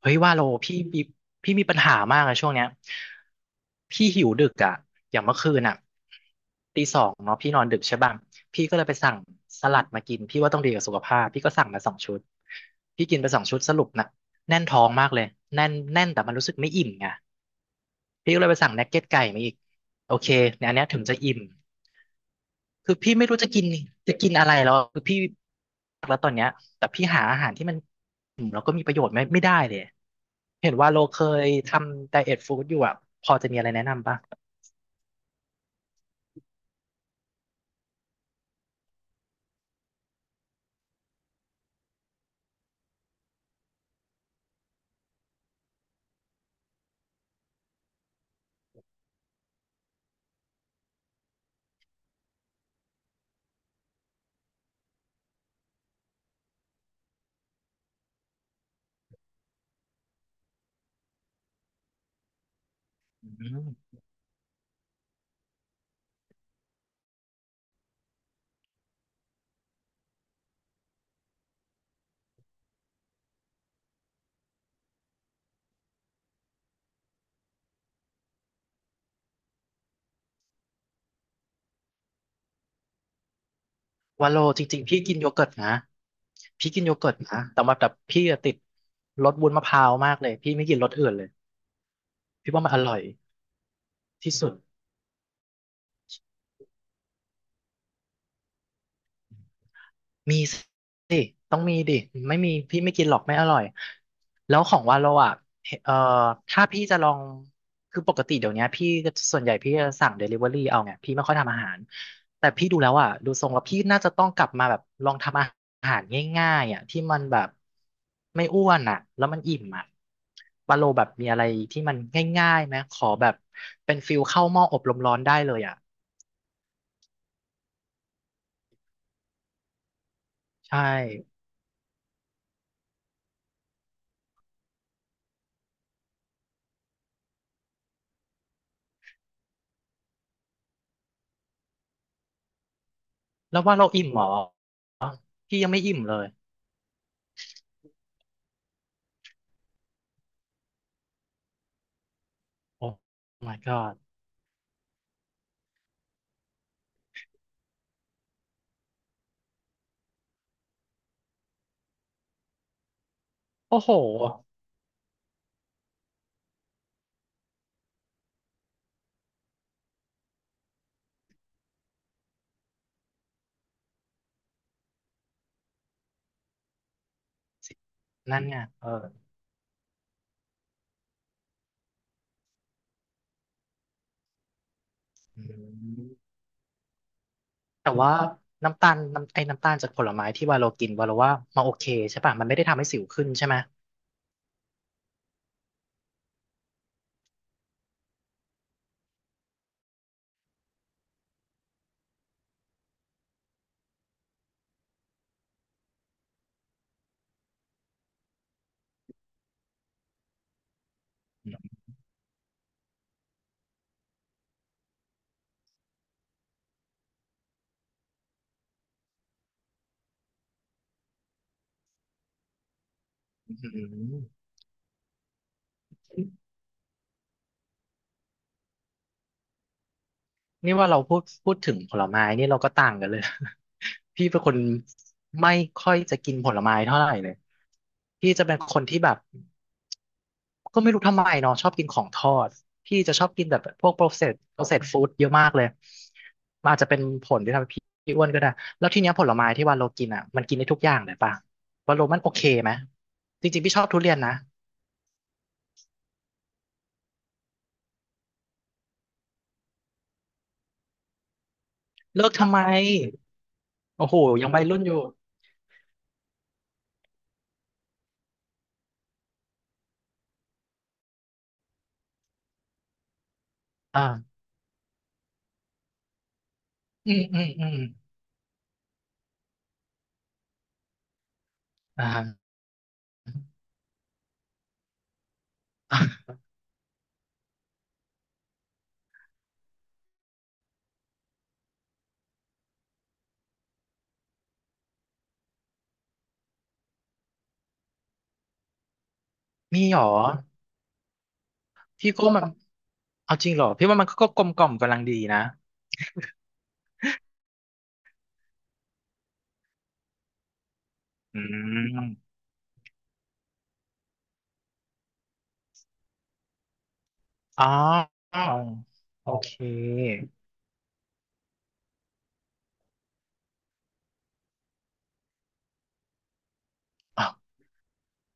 เฮ้ยว่าโลพี่มีปัญหามากอะช่วงเนี้ยพี่หิวดึกอะอย่างเมื่อคืนอะตี 2เนาะพี่นอนดึกใช่ป่ะพี่ก็เลยไปสั่งสลัดมากินพี่ว่าต้องดีกับสุขภาพพี่ก็สั่งมาสองชุดพี่กินไปสองชุดสรุปนะแน่นท้องมากเลยแน่นแน่นแต่มันรู้สึกไม่อิ่มไงพี่ก็เลยไปสั่งนักเก็ตไก่มาอีกโอเคเนี่ยอันเนี้ยถึงจะอิ่ม คือพี่ไม่รู้จะกินอะไรแล้วคือพี่แล้วตอนเนี้ยแต่พี่หาอาหารที่มันแล้วก็มีประโยชน์ไม่ได้เลยเห็นว่าโลเคยทำไดเอทฟู้ดอยู่อ่ะพอจะมีอะไรแนะนำป่ะอืมว่าโลจริงๆพี่กินโยเกิร์ตนะพี่กินโยเกิร์ตนะแต่ว่าพี่อะติดรสวุ้นมะพร้าวมากเลยพี่ไม่กินรสอื่นเลยพี่ว่ามันอร่อยที่สุด มีสิต้องมีดิไม่มีพี่ไม่กินหรอกไม่อร่อยแล้วของวาโลอ่ะเอ่อถ้าพี่จะลองคือปกติเดี๋ยวเนี้ยพี่ก็ส่วนใหญ่พี่จะสั่งเดลิเวอรี่เอาไงพี่ไม่ค่อยทำอาหารแต่พี่ดูแล้วอ่ะดูทรงแล้วพี่น่าจะต้องกลับมาแบบลองทำอาหารง่ายๆอ่ะที่มันแบบไม่อ้วนอ่ะแล้วมันอิ่มอ่ะวาโลแบบมีอะไรที่มันง่ายๆไหมขอแบบเป็นฟิลเข้าหม้ออบลมร้อนได้เลยอ่ะใช่แล้วว่าเราอิ่มเหรอพี่ยังไม่อิ่มเลย โอ้ my god โอ้โหนั่นไงเอออืมแต่ว่าน้ำตาลน้ำไอ้น้ำตาลจากผลไม้ที่วาโลกินวาโลว่ามาโอเคใช่ป่ะมันไม่ได้ทำให้สิวขึ้นใช่ไหมอืมอืมนี่ว่าเราพูดถึงผลไม้นี่เราก็ต่างกันเลย พี่เป็นคนไม่ค่อยจะกินผลไม้เท่าไหร่เลย พี่จะเป็นคนที่แบบ ก็ไม่รู้ทำไมเนาะชอบกินของทอดพี่จะชอบกินแบบพวก processed food เยอะมากเลยมันอาจจะเป็นผลที่ทำให้พี่อ้วนก็ได้แล้วทีเนี้ยผลไม้ที่วาโลกินอ่ะมันกินได้ทุกอย่างเลยป่ะวาโลมันโอเคไหมจริงๆพี่ชอบทุเรียนนะเลิกทำไมโอ้โหยังวัยรุ่นอยู่อ่าอืมอืมอืมอ่ามีหรอพี่ก็มันเอาจริงเหรอพี่ว่ามันก็กลมกล่อมกำลังดีนะอืมอ๋อโอเค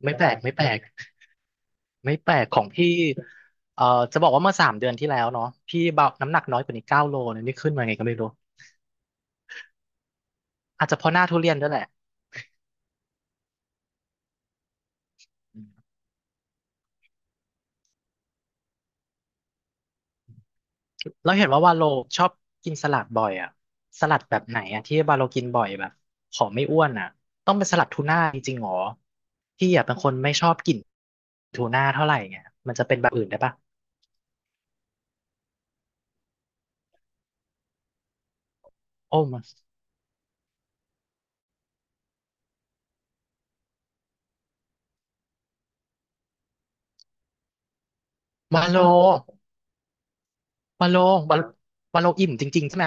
ไม่แปลกไม่แปลกไม่แปลกของพี่เอ่อจะบอกว่าเมื่อ3 เดือนที่แล้วเนาะพี่เบาน้ำหนักน้อยกว่านี้9 โลเนี่ยนี่ขึ้นมาไงก็ไม่รู้อาจจะเพราะหน้าทุเรียนด้วยแหละเราเห็นว่าวาโลชอบกินสลัดบ่อยอะสลัดแบบไหนอะที่วาโลกินบ่อยแบบขอไม่อ้วนอะต้องเป็นสลัดทูน่าจริงๆหรอพี่อะเป็นคนไม่ชอบกินทูน่าเท่าไหร่ไงมันจะเป็นแบบอื่นได้ปะโอ้มาวาโลวาโลวาโลวาโลอิ่มจริงๆใช่ไหม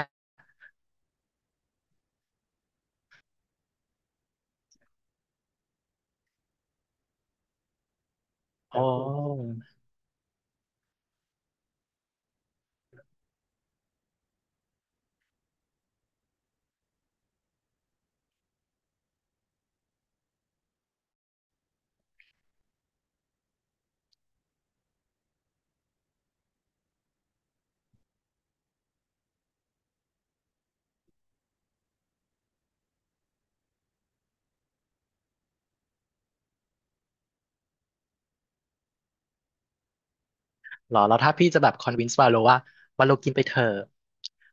อ๋อ หรอแล้วถ้าพี่จะแบบคอนวินส์วาโลว่าวาโลกินไปเถอะ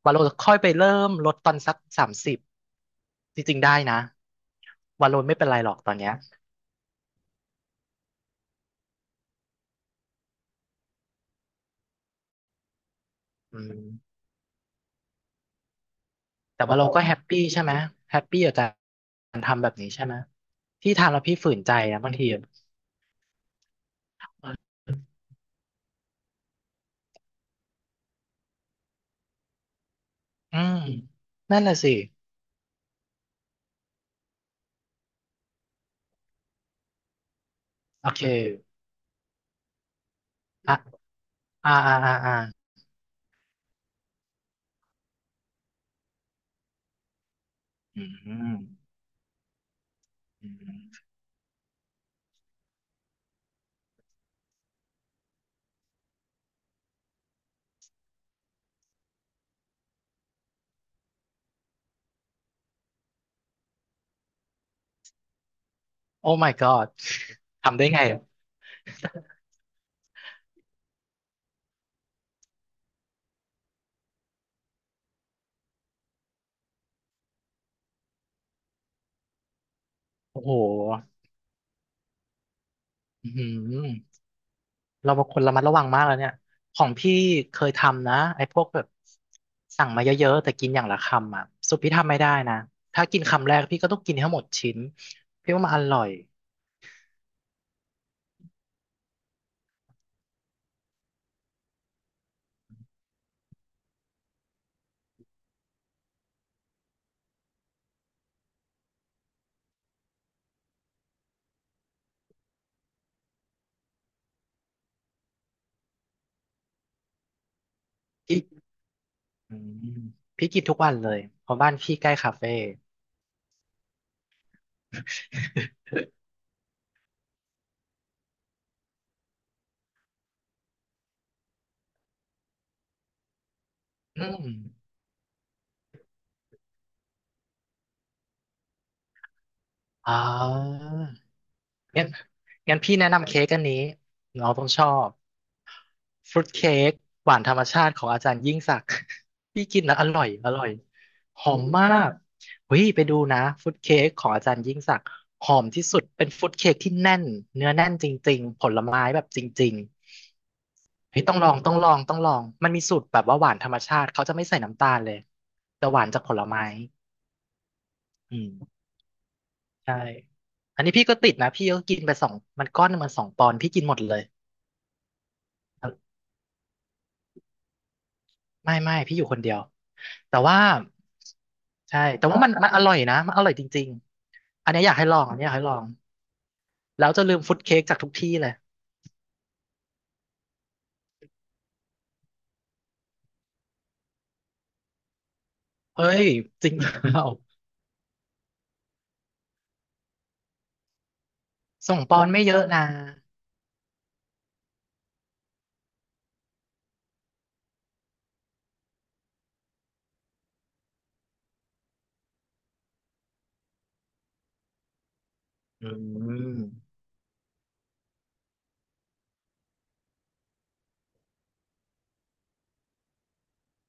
วาโลค่อยไปเริ่มลดตอนสัก30จริงๆได้นะวาโลไม่เป็นไรหรอกตอนเนี้ยอืมแต่วาเราก็แฮปปี้ใช่ไหมแฮปปี้กับการทำแบบนี้ใช่ไหมพี่ทำแล้วพี่ฝืนใจนะบางทีอะอืมนั่นแหละสิโอเคอ่ะอ่าอ่าอ่าอ่าอืมอืมโอ้ my god ทำได้ไงอะโอ้โหอืม เราเป็นคนระมัดระวังมากแล้วเนี่ยของพี่เคยทำนะไอ้พวกแบบสั่งมาเยอะๆแต่กินอย่างละคำอ่ะสุดพี่ทำไม่ได้นะถ้ากินคำแรกพี่ก็ต้องกินให้หมดชิ้นพี่ว่ามันอร่อยพี่อืมพี่กินทุกวันเลยเพราะบ้านพี่ใกล้คาเฟ่ อืมอ๋อ งั้นงั้นพี่แนะนำเค้กอันนี้น้องต้องชอบฟรุตเค้กหวานธรรมชาติของอาจารย์ยิ่งศักดิ์ พี่กินแล้วอร่อยอร่อยหอมมากเฮ้ยไปดูนะฟรุตเค้กของอาจารย์ยิ่งศักดิ์หอมที่สุดเป็นฟรุตเค้กที่แน่นเนื้อแน่นจริงๆผลไม้แบบจริงๆเฮ้ยต้องลองต้องลองต้องลองมันมีสูตรแบบว่าหวานธรรมชาติเขาจะไม่ใส่น้ำตาลเลยจะหวานจากผลไม้อืมใช่อันนี้พี่ก็ติดนะพี่ก็กินไปสองมันก้อนหนึ่งมัน2 ปอนด์พี่กินหมดเลย ไม่พี่อยู่คนเดียวแต่ว่าใช่แต่ว่ามันอร่อยนะมันอร่อยจริงๆอันเนี้ยอยากให้ลองอันเนี้ยอยากให้ลองแล้วจะลืมฟุตเค้กจากทุกที่เลยเฮ้ยจริงเปล่าส่งปอนไม่เยอะนะอืม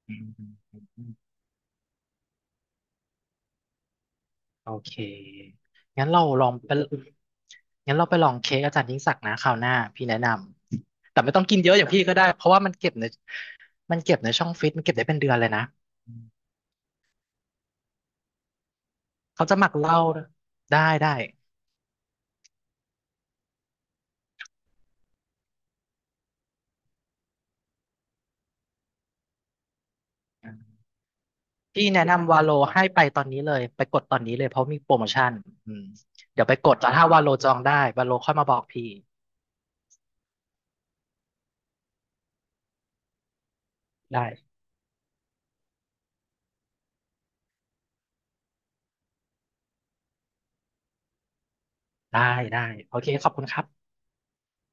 อืมอืมโอเคงั้นเราลองไปงั้นเราไปลองเค้กอาจารย์ยิ่งศักดิ์นะคราวหน้าพี่แนะนำแต่ไม่ต้องกินเยอะอย่างพี่ก็ได้เพราะว่ามันเก็บในเก็บในช่องฟรีซมันเก็บได้เป็นเดือนเลยนะเขาจะหมักเหล้าได้ได้ พี่แนะนำวาโลให้ไปตอนนี้เลยไปกดตอนนี้เลยเพราะมีโปรโมชั่นอืมเดี๋ยวไปกดแต่ถ้าวาโลจองได้วาโลค่อยมาบอกพี่ได้ได้ได้โอเคขอบคุณครับ